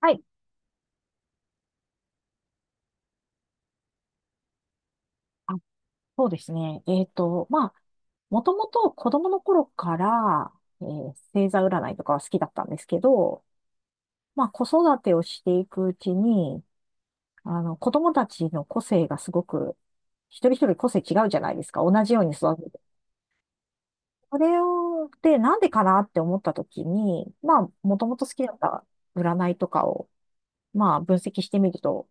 はい。あ、そうですね。まあ、もともと子供の頃から、星座占いとかは好きだったんですけど、まあ、子育てをしていくうちに、子供たちの個性がすごく、一人一人個性違うじゃないですか。同じように育てて。それを、で、なんでかなって思った時に、まあ、もともと好きだった占いとかを、まあ、分析してみると、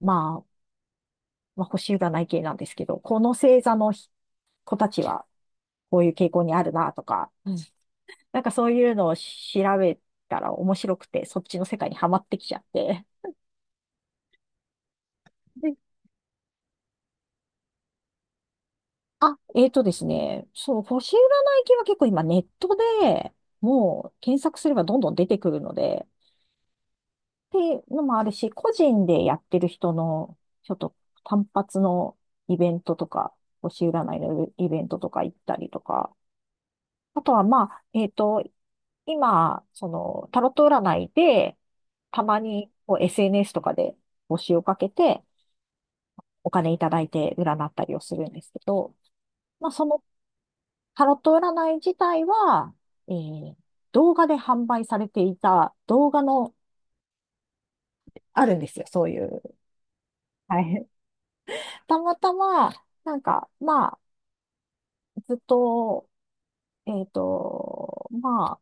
まあ、まあ、星占い系なんですけど、この星座の子たちは、こういう傾向にあるなとか、なんかそういうのを調べたら面白くて、そっちの世界にはまってきちゃって。であ、えーとですね、そう、星占い系は結構今ネットでもう検索すればどんどん出てくるので、っていうのもあるし、個人でやってる人の、ちょっと単発のイベントとか、星占いのイベントとか行ったりとか、あとは、まあ、今、その、タロット占いで、たまにこう SNS とかで募集をかけて、お金いただいて占ったりをするんですけど、まあ、そのタロット占い自体は、えー動画で販売されていた動画のあるんですよ、そういう。はい。たまたま、なんか、まあ、ずっと、えっと、ま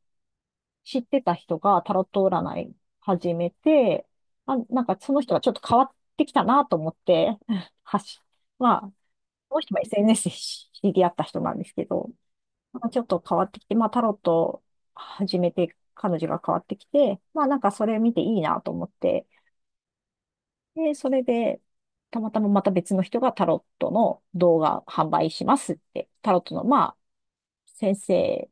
知ってた人がタロット占い始めて、あ、なんかその人がちょっと変わってきたなと思って、はし、まあ、その人も SNS で知り合った人なんですけど、なんかちょっと変わってきて、まあタロット始めて彼女が変わってきて、まあなんかそれ見ていいなと思って、で、それで、たまたままた別の人がタロットの動画販売しますって、タロットの、まあ、先生、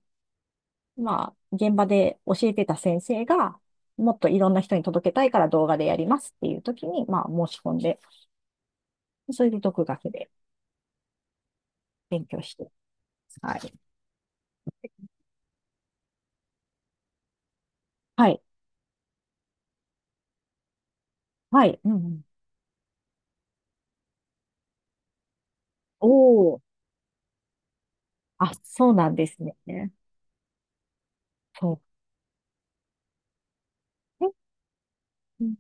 まあ、現場で教えてた先生が、もっといろんな人に届けたいから動画でやりますっていう時に、まあ、申し込んで、それで独学で勉強して。はい。はい。はい。うんうん。おー。あ、そうなんですね。そう。え、うん、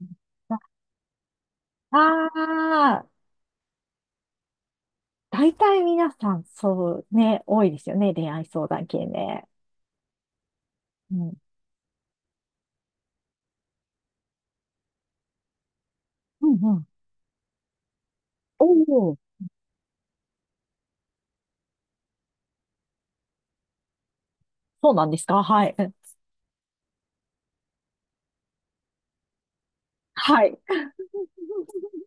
ああー、大体皆さん、そうね、多いですよね。恋愛相談系ね。うん。うんうん。おおそうなんですかはい。うんはい。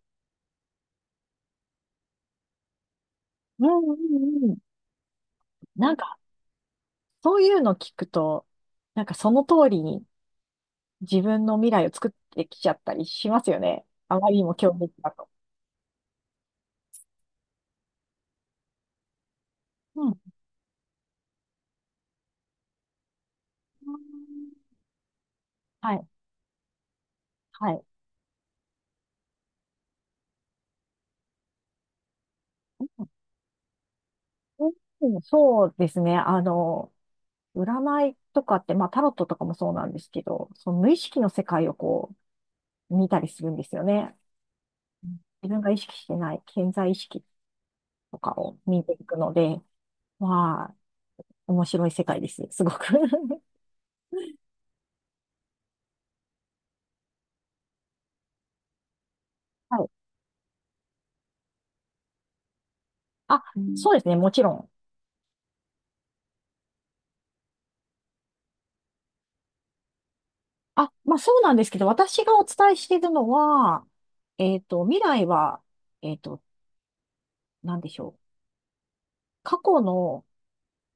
うんうんうん。なんかそういうの聞くと、なんかその通りに自分の未来を作ってきちゃったりしますよね。あまりにも強烈だと。うん。はい。はい。うんうんそうですね。占いとかって、まあタロットとかもそうなんですけど、その無意識の世界をこう見たりするんですよね。自分が意識してない潜在意識とかを見ていくので、まあ、面白い世界です。すごく はい。あ、うんそうですね。もちろん。あ、まあそうなんですけど、私がお伝えしているのは、未来は、えっと、なんでしょう。過去の、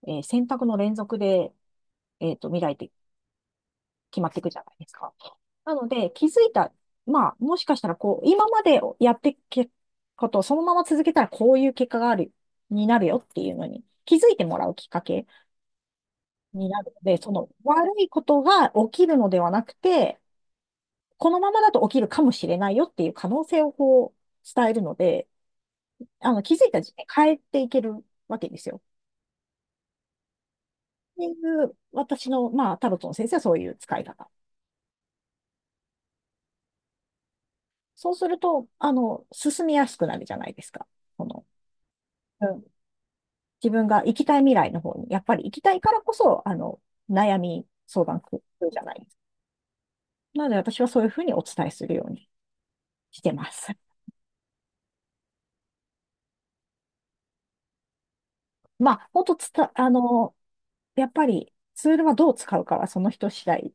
選択の連続で、未来って決まっていくじゃないですか。なので、気づいた、まあ、もしかしたら、こう、今までやってきことをそのまま続けたら、こういう結果がある、になるよっていうのに、気づいてもらうきっかけになるので、その悪いことが起きるのではなくて、このままだと起きるかもしれないよっていう可能性をこう伝えるので、気づいた時点で変えていけるわけですよ。っていう私の、まあ、タロットの先生はそういう使い方。そうすると、進みやすくなるじゃないですか。この、うん、自分が行きたい未来の方に、やっぱり行きたいからこそ、悩み相談くるじゃないですか。なので私はそういうふうにお伝えするようにしてます。まあ、もっとつた、あの、やっぱりツールはどう使うかはその人次第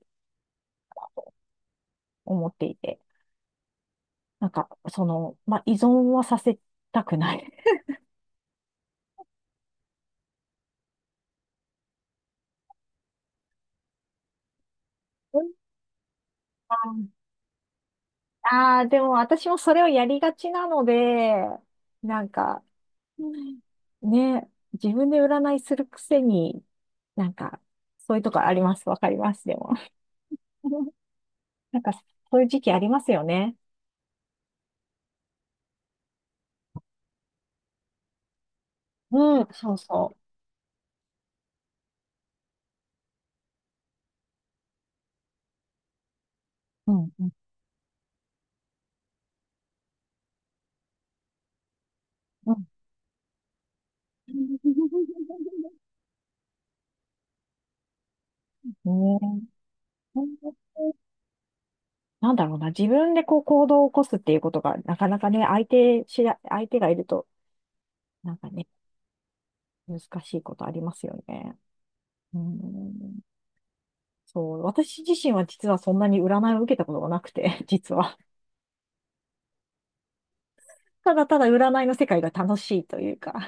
思っていて、なんか、その、まあ、依存はさせたくない。うんああでも私もそれをやりがちなので、なんか、うんね、自分で占いするくせに、なんか、そういうとこあります。わかります、でも。なんか、そういう時期ありますよね。うん、そうそう。うん、うん、うん。ねなんだろうな、自分でこう行動を起こすっていうことが、なかなかね、相手がいると、なんかね、難しいことありますよね。うん、そう、私自身は実はそんなに占いを受けたことがなくて、実は。ただただ占いの世界が楽しいというか、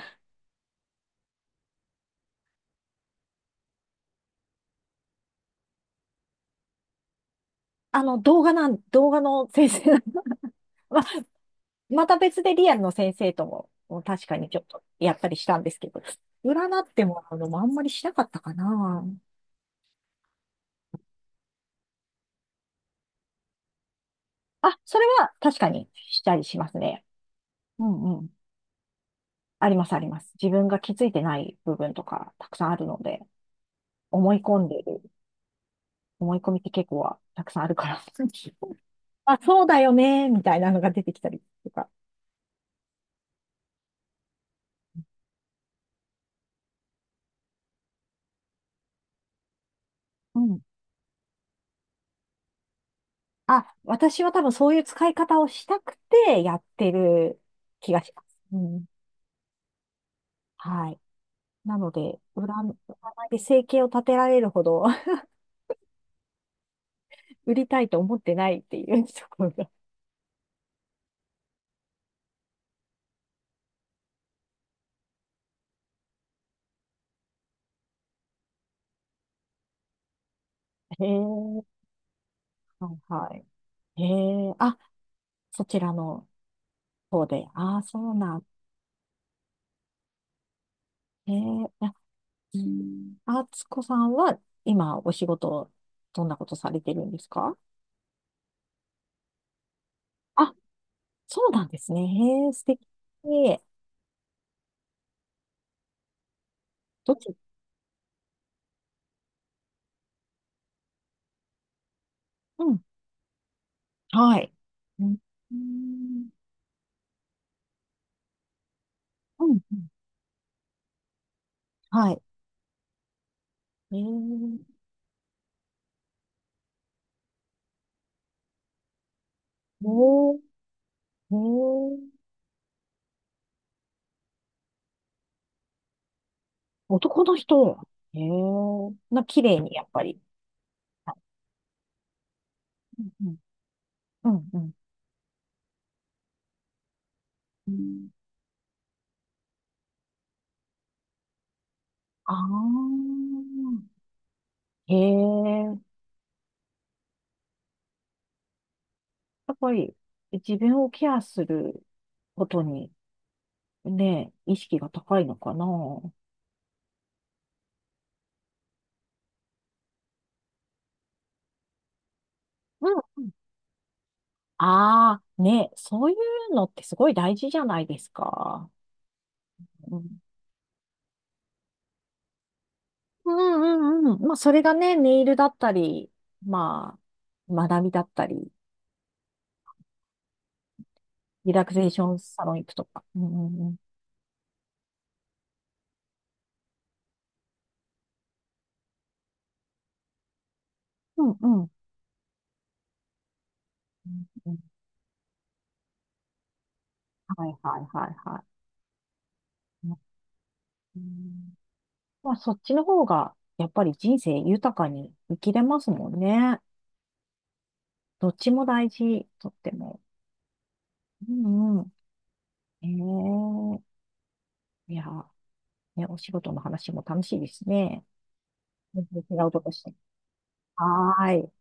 動画の先生なん、まあ、また別でリアルの先生とも、もう確かにちょっとやったりしたんですけど、占ってもらうのもあんまりしなかったかな。あ、それは確かにしたりしますね。うんうん。ありますあります。自分が気づいてない部分とかたくさんあるので、思い込んでいる思い込みって結構はたくさんあるから。あ、そうだよね、みたいなのが出てきたりとか。うん。あ、私は多分そういう使い方をしたくてやってる気がします。うん。はい。なので、占いで生計を立てられるほど 売りたいと思ってないっていうところが。へえ、はいはい。へえ、あ、そちらの方で。ああ、そうなん。へえ、あ、うんあつこさんは今お仕事、どんなことされてるんですか。あ、そうなんですね。へえ、素敵。どっちうん。はい。うん。うん。うんはい。へえ。おー。へえ。男の人。へえ。綺麗に、やっぱり。はいうんうん。うん。うん。ああ。へえ。やっぱり、自分をケアすることに、ね、意識が高いのかな。うんああ、ね、そういうのってすごい大事じゃないですか。うん、うんうんうん。まあ、それがね、ネイルだったり、まあ、学びだったり、リラクゼーションサロン行くとか。うんうんうん。うんうん。うんうんはいはいはいはい。うんまあ、そっちの方が、やっぱり人生豊かに生きれますもんね。どっちも大事、とっても。うんうん。ええいや、ね、お仕事の話も楽しいですね。全然違うことして。はーい。